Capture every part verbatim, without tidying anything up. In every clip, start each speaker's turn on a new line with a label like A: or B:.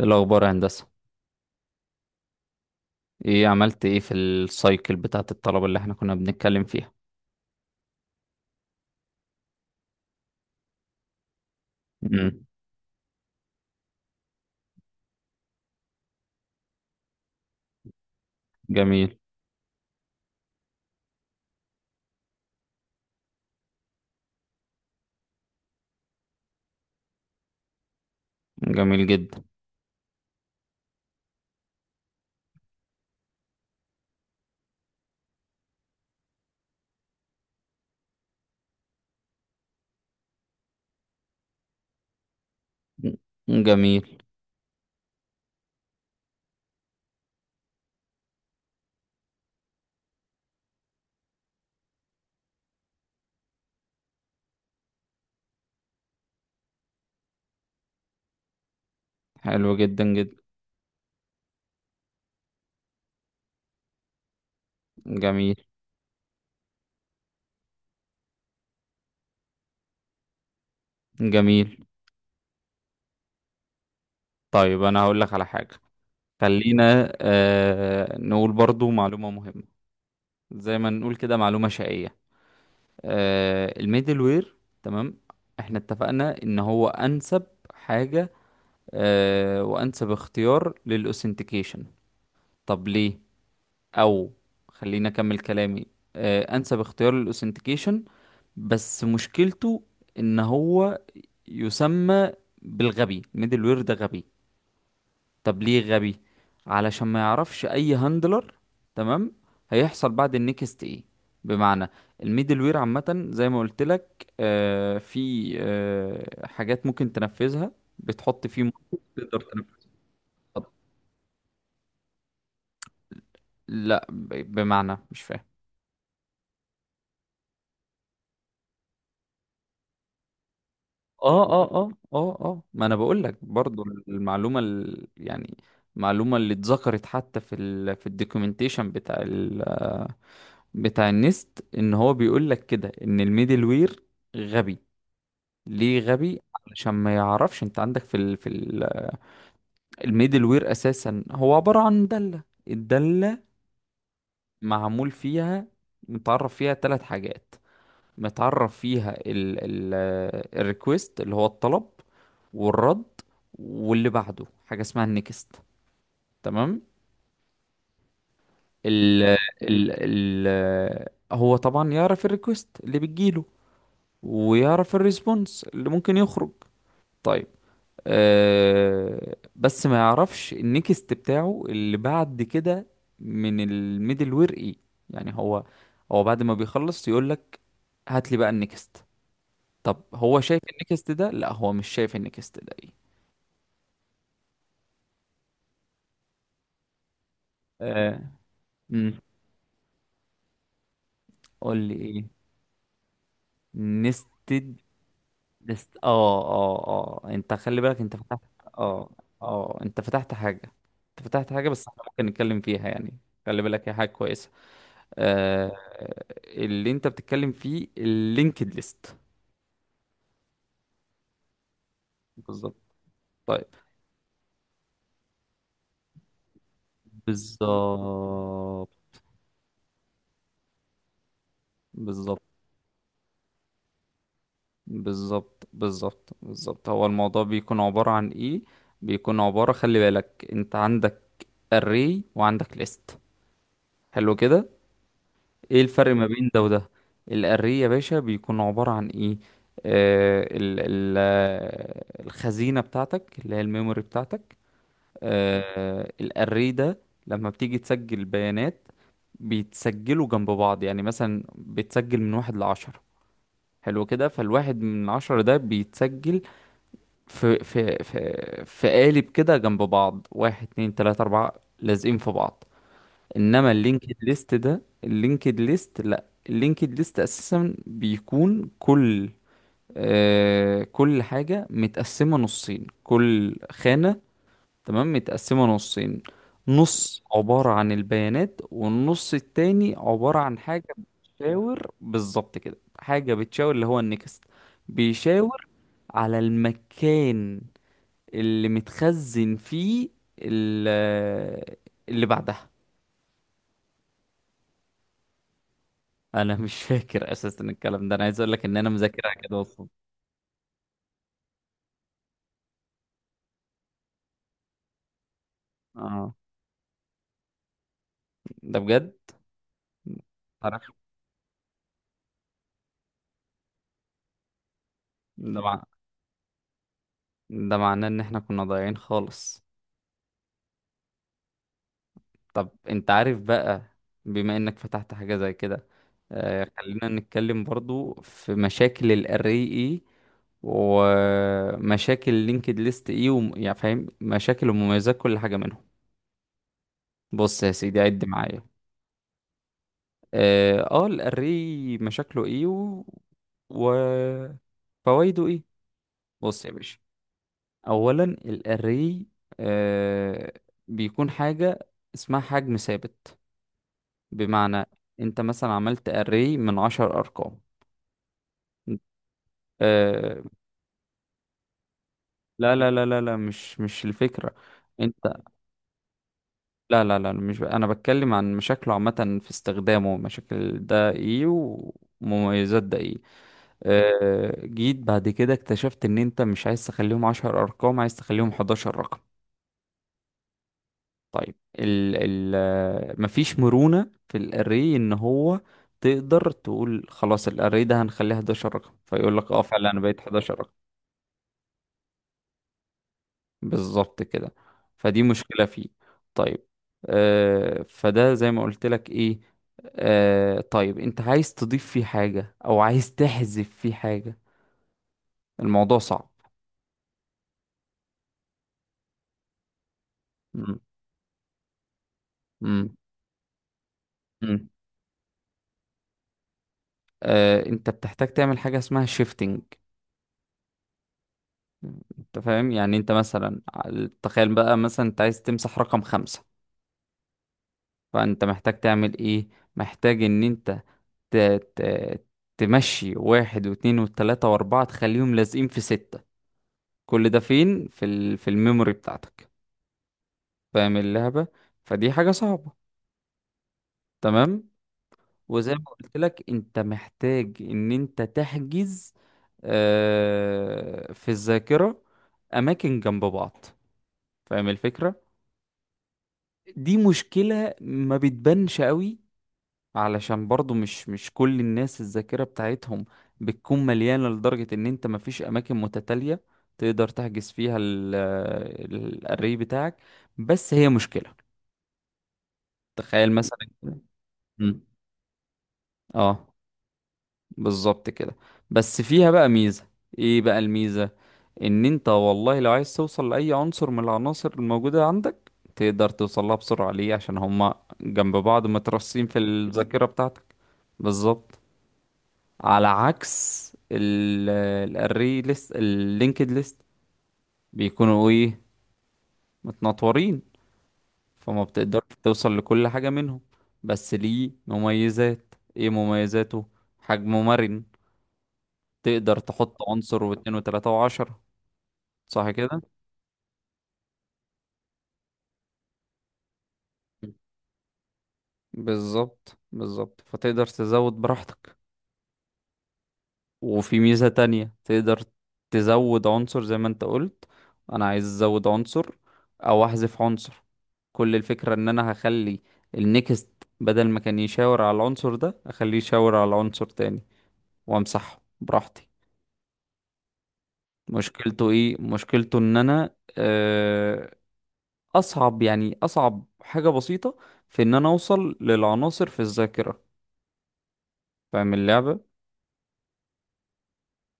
A: إيه الأخبار يا هندسة؟ إيه عملت إيه في السايكل بتاعة الطلبة اللي إحنا كنا بنتكلم فيها؟ مم. جميل. جميل جدا. جميل. حلو جدا جدا. جميل. جميل. طيب، أنا هقول لك على حاجة. خلينا آه نقول برضو معلومة مهمة. زي ما نقول كده، معلومة شقية. آه الميدل وير، تمام. إحنا اتفقنا إن هو أنسب حاجة، آه وأنسب اختيار للأوثنتيكيشن. طب ليه؟ او خليني اكمل كلامي. آه، انسب اختيار للاوثنتيكيشن، بس مشكلته ان هو يسمى بالغبي. الميدل وير ده غبي. طب ليه غبي؟ علشان ما يعرفش اي هاندلر. تمام. هيحصل بعد النكست ايه؟ بمعنى، الميدل وير عامة زي ما قلت لك، آه، في آه، حاجات ممكن تنفذها. بتحط فيه ممكن تقدر تنفذها. لا، ب- بمعنى مش فاهم. اه اه اه اه اه، ما انا بقول لك برضو. المعلومه ال... يعني المعلومه اللي اتذكرت حتى في ال... في الدوكيومنتيشن بتاع ال... بتاع النست، ان هو بيقول لك كده ان الميدل وير غبي. ليه غبي؟ علشان ما يعرفش. انت عندك في ال... في ال... الميدل وير اساسا هو عباره عن داله. الداله معمول فيها، متعرف فيها ثلاث حاجات. متعرف فيها ال ال الريكوست اللي هو الطلب، والرد، واللي بعده حاجة اسمها النكست. تمام. ال ال ال هو طبعا يعرف الريكوست اللي بتجيله، ويعرف الريسبونس اللي ممكن يخرج. طيب، أه بس ما يعرفش النكست بتاعه اللي بعد كده من الميدل وير ايه. يعني هو هو بعد ما بيخلص يقول لك هات لي بقى النكست. طب هو شايف النكست ده؟ لا، هو مش شايف النكست ده ايه. آه. امم قول لي ايه. نستد. نست. اه اه اه، انت خلي بالك انت فتحت. اه. اه، انت فتحت حاجة. انت فتحت حاجة بس احنا ممكن نتكلم فيها يعني. خلي بالك هي حاجة كويسة. آه. اللي انت بتتكلم فيه اللينكد ليست. بالظبط. طيب. بالظبط، بالظبط، بالظبط، بالظبط، بالظبط، هو الموضوع بيكون عبارة عن ايه؟ بيكون عبارة، خلي بالك انت عندك array وعندك list. حلو كده. ايه الفرق ما بين ده وده؟ الarray يا باشا بيكون عبارة عن ايه؟ آه ال ال آه، الخزينة بتاعتك اللي هي الميموري بتاعتك. آه، الarray ده لما بتيجي تسجل بيانات، بيتسجلوا جنب بعض. يعني مثلا بتسجل من واحد لعشرة. حلو كده. فالواحد من عشرة ده بيتسجل في في في في قالب كده جنب بعض، واحد اتنين تلاتة أربعة، لازقين في بعض. إنما اللينكد ليست ده، اللينكد ليست، لأ، اللينكد ليست أساسا بيكون كل، آه كل حاجة متقسمة نصين. كل خانة، تمام، متقسمة نصين. نص عبارة عن البيانات، والنص التاني عبارة عن حاجة بتشاور، بالظبط كده، حاجة بتشاور اللي هو النكست. بيشاور على المكان اللي متخزن فيه، ال- اللي بعدها. انا مش فاكر اساسا الكلام ده. انا عايز اقول لك ان انا مذاكرها كده اصلا. اه، ده بجد. عارف. ده مع... ده معناه ان احنا كنا ضايعين خالص. طب انت عارف بقى، بما انك فتحت حاجة زي كده، آه خلينا نتكلم برضو في مشاكل الاري اي، ومشاكل لينكد ليست ايه، وم... يعني فاهم مشاكل ومميزات كل حاجة منهم. بص يا سيدي، عد معايا. اه، آه، الاري مشاكله ايه و... وفوائده ايه. بص يا باشا، اولا الاري، آه، بيكون حاجه اسمها حجم ثابت. بمعنى، انت مثلا عملت اري من عشر ارقام. آه. لا لا لا لا لا، مش مش الفكره. انت، لا لا لا، مش ب... انا بتكلم عن مشاكله عامه في استخدامه. مشاكل ده ايه ومميزات ده ايه. آه، جيت بعد كده اكتشفت ان انت مش عايز تخليهم عشر ارقام، عايز تخليهم حداشر رقم. طيب ال ال آه، مفيش مرونة في الاري. ان هو تقدر تقول خلاص الاري ده هنخليه حداشر رقم، فيقول لك اه، فعلا انا بقيت حداشر رقم. بالظبط كده. فدي مشكلة فيه. طيب، آه، فده زي ما قلت لك ايه. آه، طيب، انت عايز تضيف فيه حاجة او عايز تحذف فيه حاجة، الموضوع صعب. مم. مم. مم. آه، انت بتحتاج تعمل حاجة اسمها شيفتنج. انت فاهم يعني. انت مثلا ع- تخيل بقى مثلا انت عايز تمسح رقم خمسة، فانت محتاج تعمل ايه؟ محتاج ان انت ت... ت... تمشي واحد واتنين والتلاتة واربعة، تخليهم لازقين في ستة. كل ده فين؟ في ال... في الميموري بتاعتك. فاهم اللعبة؟ فدي حاجة صعبة، تمام. وزي ما قلت لك، انت محتاج ان انت تحجز، آه، في الذاكرة، اماكن جنب بعض. فاهم الفكرة؟ دي مشكلة ما بتبانش قوي، علشان برضو مش مش كل الناس الذاكرة بتاعتهم بتكون مليانة لدرجة ان انت مفيش اماكن متتالية تقدر تحجز فيها ال- ال- الاري بتاعك. بس هي مشكلة. تخيل مثلا. مم. اه، بالظبط كده. بس فيها بقى ميزة. ايه بقى الميزة؟ ان انت، والله لو عايز توصل لأي عنصر من العناصر الموجودة عندك، تقدر توصلها بسرعة. ليه؟ عشان هما جنب بعض مترصين في الذاكرة بتاعتك. بالظبط. على عكس ال- الاري ليست، اللينكد ليست، بيكونوا ايه؟ متنطورين، فما بتقدرش توصل لكل حاجة منهم. بس ليه مميزات؟ ايه مميزاته؟ حجمه مرن. تقدر تحط عنصر واتنين وتلاتة وعشرة. صح كده؟ بالظبط، بالظبط، فتقدر تزود براحتك. وفي ميزة تانية، تقدر تزود عنصر زي ما انت قلت. انا عايز ازود عنصر او احذف عنصر، كل الفكرة ان انا هخلي النكست بدل ما كان يشاور على العنصر ده، اخليه يشاور على عنصر تاني، وامسحه براحتي. مشكلته ايه؟ مشكلته ان انا، آه، اصعب، يعني اصعب حاجة بسيطة، في ان انا اوصل للعناصر في الذاكرة. فاهم اللعبة؟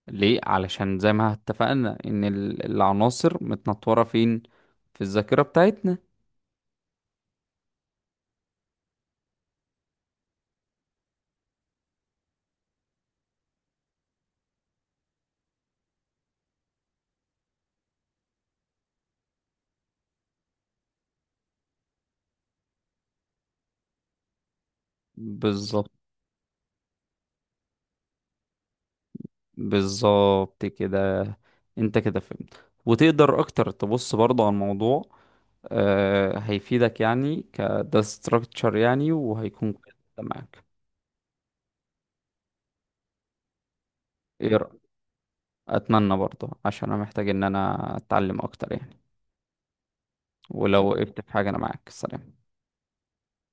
A: ليه؟ علشان زي ما اتفقنا ان ال- العناصر متنطوره فين؟ في الذاكره بتاعتنا. بالظبط. بالظبط كده، انت كده فهمت، وتقدر اكتر تبص برضه على الموضوع. آه، هيفيدك يعني كده ستراكتشر يعني، وهيكون كده معاك. ايه رأيك؟ اتمنى برضه عشان انا محتاج ان انا اتعلم اكتر يعني. ولو وقفت في حاجه انا معاك. سلام.